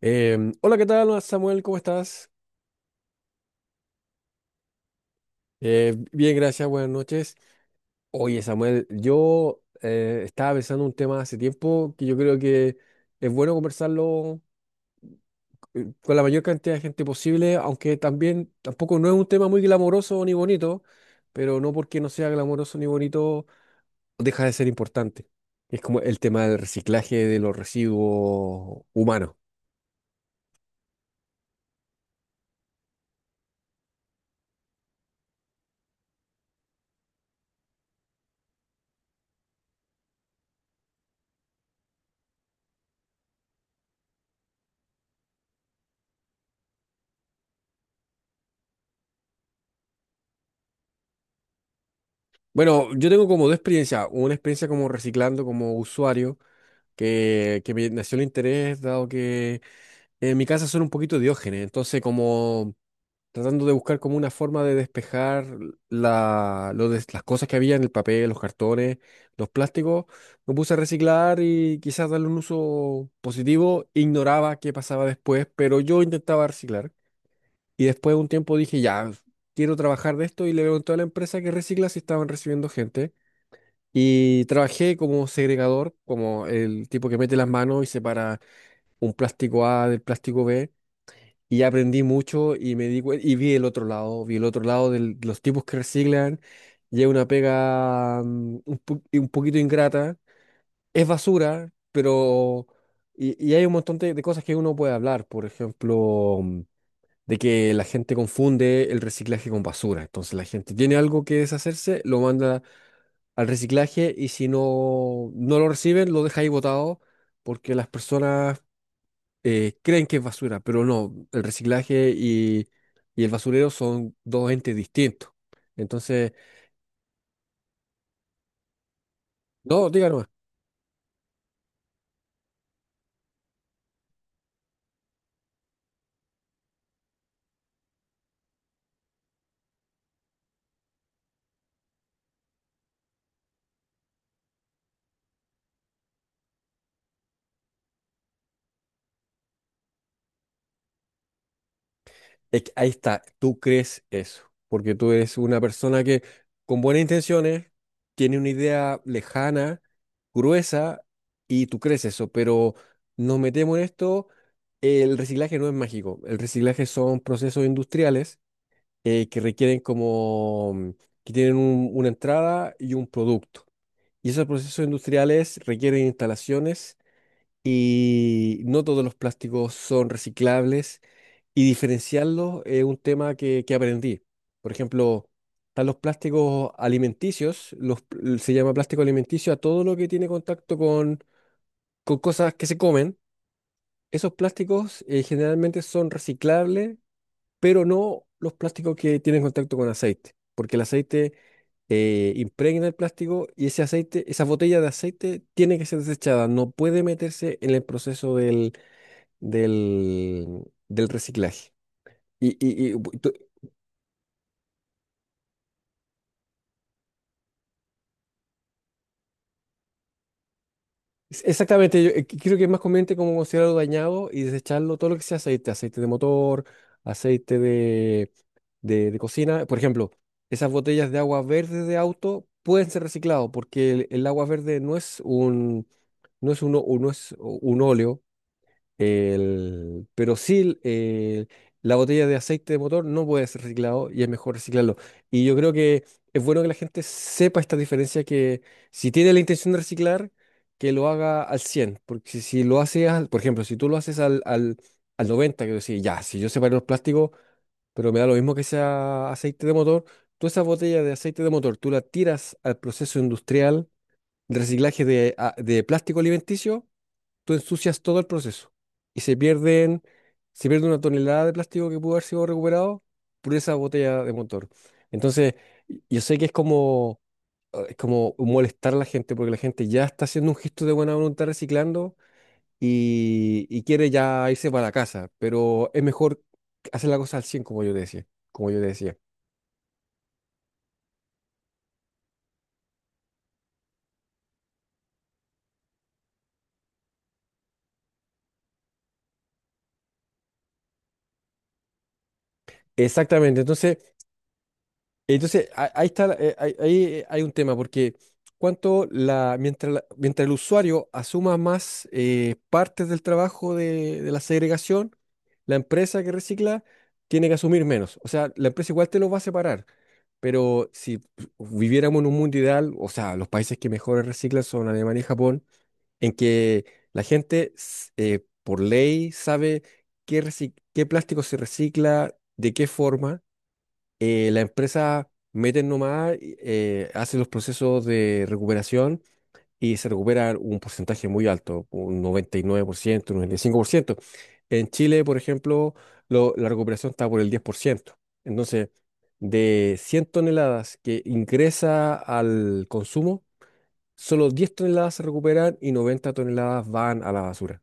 Hola, ¿qué tal, Samuel? ¿Cómo estás? Bien, gracias, buenas noches. Oye, Samuel, yo estaba pensando un tema hace tiempo que yo creo que es bueno conversarlo con la mayor cantidad de gente posible, aunque también tampoco no es un tema muy glamoroso ni bonito, pero no porque no sea glamoroso ni bonito deja de ser importante. Es como el tema del reciclaje de los residuos humanos. Bueno, yo tengo como dos experiencias, una experiencia como reciclando como usuario que me nació el interés, dado que en mi casa son un poquito diógenes, entonces como tratando de buscar como una forma de despejar las cosas que había en el papel, los cartones, los plásticos, me puse a reciclar y quizás darle un uso positivo, ignoraba qué pasaba después, pero yo intentaba reciclar y después de un tiempo dije, ya, quiero trabajar de esto y le pregunté a la empresa que recicla si estaban recibiendo gente. Y trabajé como segregador, como el tipo que mete las manos y separa un plástico A del plástico B y aprendí mucho y y vi el otro lado, vi el otro lado de los tipos que reciclan y es una pega un poquito ingrata, es basura, pero y hay un montón de cosas que uno puede hablar, por ejemplo, de que la gente confunde el reciclaje con basura, entonces la gente tiene algo que deshacerse, lo manda al reciclaje y si no no lo reciben, lo deja ahí botado porque las personas creen que es basura, pero no, el reciclaje y el basurero son dos entes distintos. Entonces, no, díganos, es que ahí está, tú crees eso, porque tú eres una persona que con buenas intenciones tiene una idea lejana, gruesa, y tú crees eso, pero nos metemos en esto, el reciclaje no es mágico, el reciclaje son procesos industriales que requieren como, una entrada y un producto. Y esos procesos industriales requieren instalaciones y no todos los plásticos son reciclables y diferenciarlos es un tema que aprendí. Por ejemplo, están los plásticos alimenticios, se llama plástico alimenticio a todo lo que tiene contacto con cosas que se comen. Esos plásticos generalmente son reciclables, pero no los plásticos que tienen contacto con aceite, porque el aceite impregna el plástico y ese aceite, esa botella de aceite tiene que ser desechada, no puede meterse en el proceso del, del reciclaje. Y, y- y bu- tú- Exactamente, yo creo que es más conveniente como considerarlo dañado y desecharlo todo lo que sea aceite, aceite de motor, aceite de, de cocina. Por ejemplo, esas botellas de agua verde de auto pueden ser reciclados porque el agua verde no es un no es, uno, no es un óleo. Pero sí, la botella de aceite de motor no puede ser reciclado y es mejor reciclarlo. Y yo creo que es bueno que la gente sepa esta diferencia que si tiene la intención de reciclar, que lo haga al cien. Porque si, si lo haces, por ejemplo, si tú lo haces al 90, que decir, ya, si yo separo los plásticos, pero me da lo mismo que sea aceite de motor, tú esa botella de aceite de motor, tú la tiras al proceso industrial de reciclaje de, de plástico alimenticio, tú ensucias todo el proceso y se pierde una tonelada de plástico que pudo haber sido recuperado por esa botella de motor. Entonces, yo sé que es como molestar a la gente porque la gente ya está haciendo un gesto de buena voluntad reciclando y quiere ya irse para la casa, pero es mejor hacer la cosa al 100 como yo te decía, como yo te decía. Exactamente, entonces entonces, ahí está, ahí hay un tema, porque cuanto la- mientras el usuario asuma más partes del trabajo de la segregación, la empresa que recicla tiene que asumir menos. O sea, la empresa igual te lo va a separar, pero si viviéramos en un mundo ideal, o sea, los países que mejores reciclan son Alemania y Japón, en que la gente por ley sabe qué, qué plástico se recicla, de qué forma la empresa meten nomás, hace los procesos de recuperación y se recupera un porcentaje muy alto, un 99%, un 95%. En Chile, por ejemplo, la recuperación está por el 10%. Entonces, de 100 toneladas que ingresa al consumo, solo 10 toneladas se recuperan y 90 toneladas van a la basura.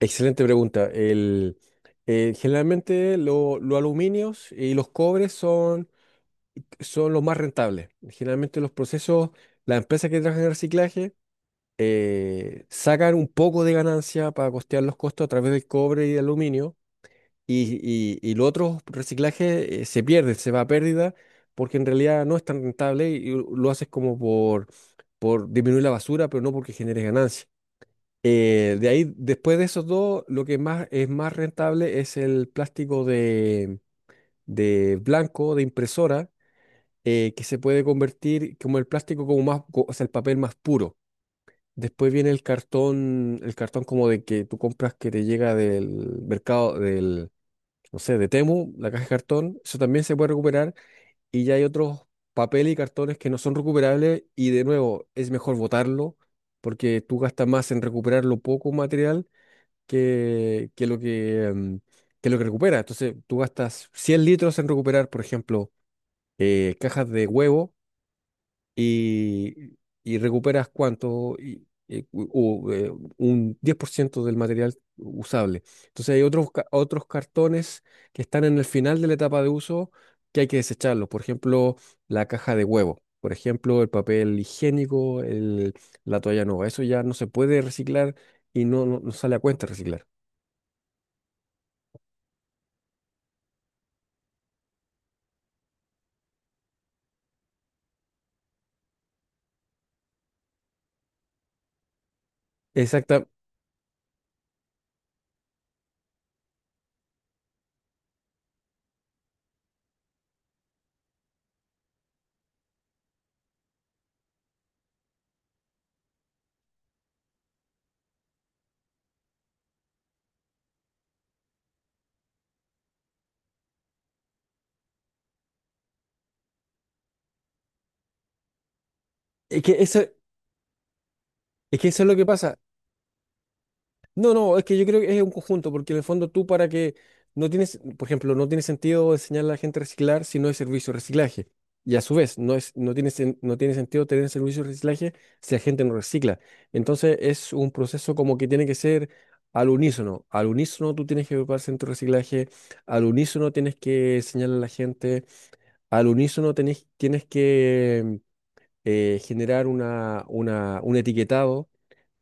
Excelente pregunta. Generalmente los aluminios y los cobres son los más rentables. Generalmente los procesos, las empresas que trabajan en reciclaje sacan un poco de ganancia para costear los costos a través del cobre y del aluminio y, y lo otro reciclaje se pierden, se va a pérdida porque en realidad no es tan rentable y lo haces como por disminuir la basura, pero no porque genere ganancia. De ahí, después de esos dos, lo que más rentable es el plástico de blanco, de impresora que se puede convertir como el plástico como más, o sea, el papel más puro. Después viene el cartón como de que tú compras que te llega del mercado del, no sé, de Temu, la caja de cartón, eso también se puede recuperar y ya hay otros papeles y cartones que no son recuperables y de nuevo es mejor botarlo porque tú gastas más en recuperar lo poco material que lo que, que lo que recupera. Entonces tú gastas 100 litros en recuperar, por ejemplo, cajas de huevo y, y recuperas cuánto, u- eh, un 10% del material usable. Entonces hay otros, otros cartones que están en el final de la etapa de uso que hay que desecharlos. Por ejemplo, la caja de huevo. Por ejemplo, el papel higiénico, la toalla nueva. Eso ya no se puede reciclar y no sale a cuenta reciclar. Exacta. Es que eso, es que eso es lo que pasa. No, no, es que yo creo que es un conjunto, porque en el fondo tú para que no tienes, por ejemplo, no tiene sentido enseñar a la gente a reciclar si no hay servicio de reciclaje. Y a su vez, no tiene sentido tener servicio de reciclaje si la gente no recicla. Entonces es un proceso como que tiene que ser al unísono. Al unísono tú tienes que preparar centro de reciclaje, al unísono tienes que enseñarle a la gente, al unísono tienes que generar un etiquetado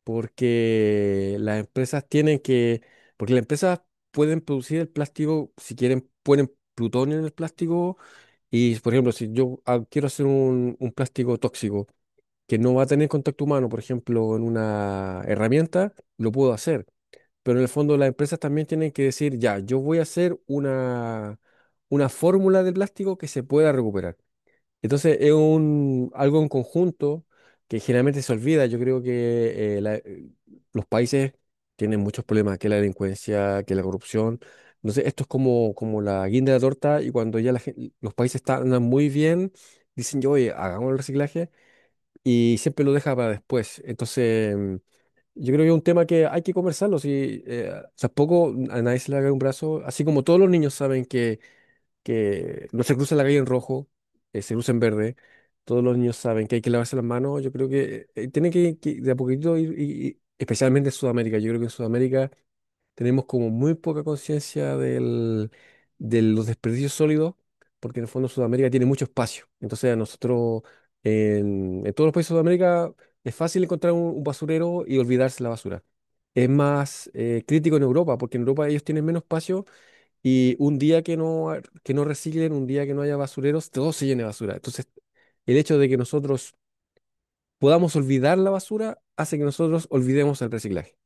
porque las empresas tienen que, porque las empresas pueden producir el plástico, si quieren, ponen plutonio en el plástico y, por ejemplo, si yo quiero hacer un plástico tóxico que no va a tener contacto humano, por ejemplo, en una herramienta, lo puedo hacer. Pero en el fondo las empresas también tienen que decir, ya, yo voy a hacer una fórmula de plástico que se pueda recuperar. Entonces es un, algo en conjunto que generalmente se olvida. Yo creo que los países tienen muchos problemas, que la delincuencia, que la corrupción. Entonces esto es como, como la guinda de la torta y cuando ya los países están, andan muy bien, dicen, oye, hagamos el reciclaje y siempre lo deja para después. Entonces yo creo que es un tema que hay que conversarlo. Si, tampoco a nadie se le haga un brazo, así como todos los niños saben que no se cruza la calle en rojo, se cruza en verde. Todos los niños saben que hay que lavarse las manos. Yo creo que tiene que de a poquito ir, especialmente en Sudamérica. Yo creo que en Sudamérica tenemos como muy poca conciencia del, de los desperdicios sólidos, porque en el fondo Sudamérica tiene mucho espacio. Entonces a nosotros, en todos los países de Sudamérica, es fácil encontrar un basurero y olvidarse la basura. Es más crítico en Europa, porque en Europa ellos tienen menos espacio y un día que no, que no reciclen, un día que no haya basureros, todo se llene de basura. Entonces, el hecho de que nosotros podamos olvidar la basura hace que nosotros olvidemos el reciclaje.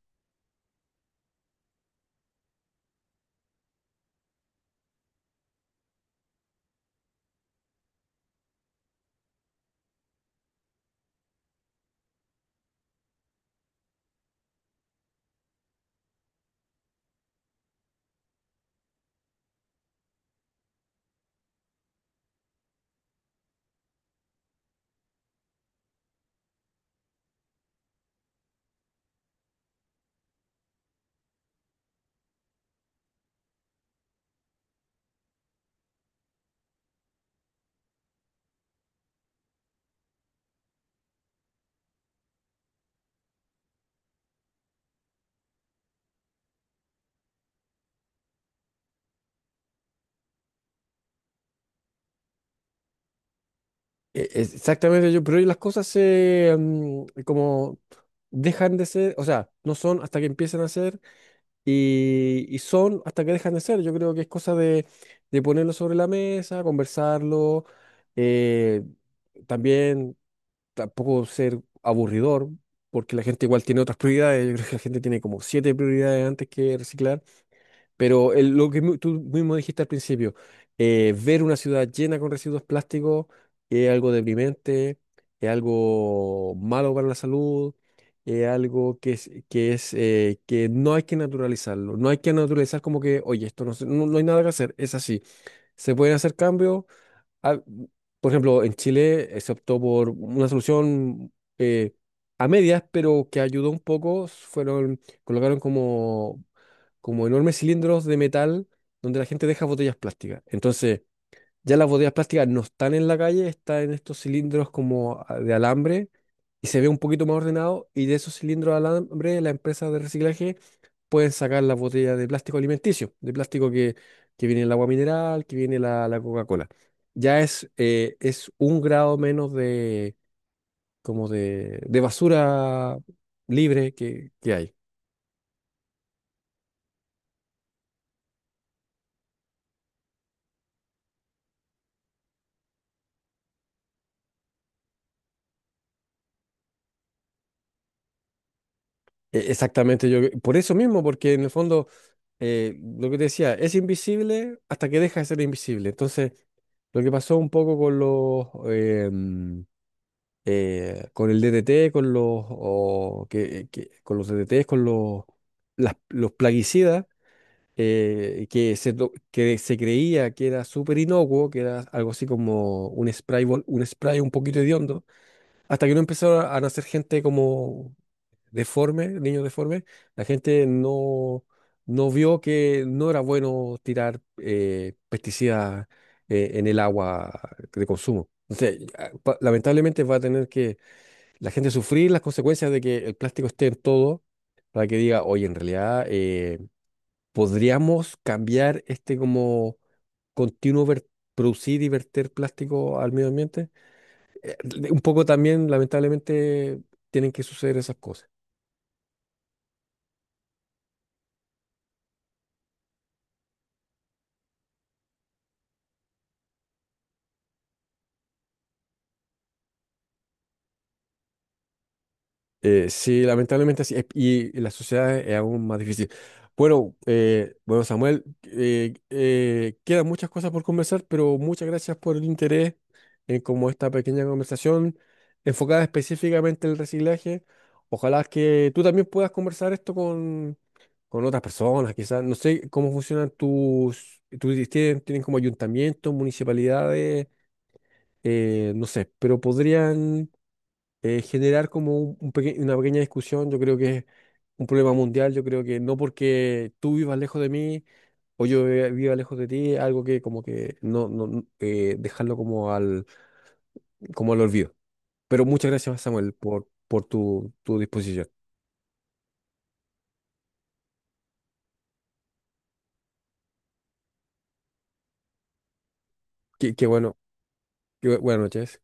E- es Exactamente, yo, pero hoy las cosas se como dejan de ser, o sea, no son hasta que empiezan a ser y son hasta que dejan de ser. Yo creo que es cosa de ponerlo sobre la mesa, conversarlo, eh, también tampoco ser aburridor, porque la gente igual tiene otras prioridades. Yo creo que la gente tiene como siete prioridades antes que reciclar. Pero tú mismo dijiste al principio, ver una ciudad llena con residuos plásticos es algo deprimente, es algo malo para la salud. Es algo que es que no hay que naturalizarlo, no hay que naturalizar como que, oye, esto no, no hay nada que hacer, es así. Se pueden hacer cambios. Ah, por ejemplo, en Chile se optó por una solución eh, a medias, pero que ayudó un poco. Fueron, colocaron como, como enormes cilindros de metal donde la gente deja botellas plásticas. Entonces, ya las botellas plásticas no están en la calle, están en estos cilindros como de alambre y se ve un poquito más ordenado. Y de esos cilindros de alambre, la empresa de reciclaje pueden sacar las botellas de plástico alimenticio, de plástico que viene el agua mineral, que viene la, la Coca-Cola. Es un grado menos de, como de basura libre que hay. Exactamente, yo, por eso mismo, porque en el fondo, lo que te decía, es invisible hasta que deja de ser invisible. Entonces, lo que pasó un poco con los, con el DDT, con los, con los DDTs, con los, los plaguicidas, que se creía que era súper inocuo, que era algo así como un spray, un spray un poquito hediondo, hasta que no empezaron a nacer gente como deforme, niños deformes, la gente no, no vio que no era bueno tirar pesticidas en el agua de consumo. Entonces, lamentablemente va a tener que la gente sufrir las consecuencias de que el plástico esté en todo, para que diga, oye, en realidad podríamos cambiar este como continuo ver- producir y verter plástico al medio ambiente. Eh, Un poco también, lamentablemente, tienen que suceder esas cosas. Sí, lamentablemente sí es, y la sociedad es aún más difícil. Bueno, Samuel, quedan muchas cosas por conversar, pero muchas gracias por el interés en como esta pequeña conversación enfocada específicamente en el reciclaje. Ojalá que tú también puedas conversar esto con otras personas, quizás. No sé cómo funcionan tus, tienen como ayuntamientos, municipalidades, no sé, pero podrían generar como una pequeña discusión, yo creo que es un problema mundial, yo creo que no porque tú vivas lejos de mí o yo viva lejos de ti, algo que como que no, no no, dejarlo como al olvido. Pero muchas gracias, Samuel, por tu, tu disposición. Qué, qué bueno, qué bu- Buenas noches.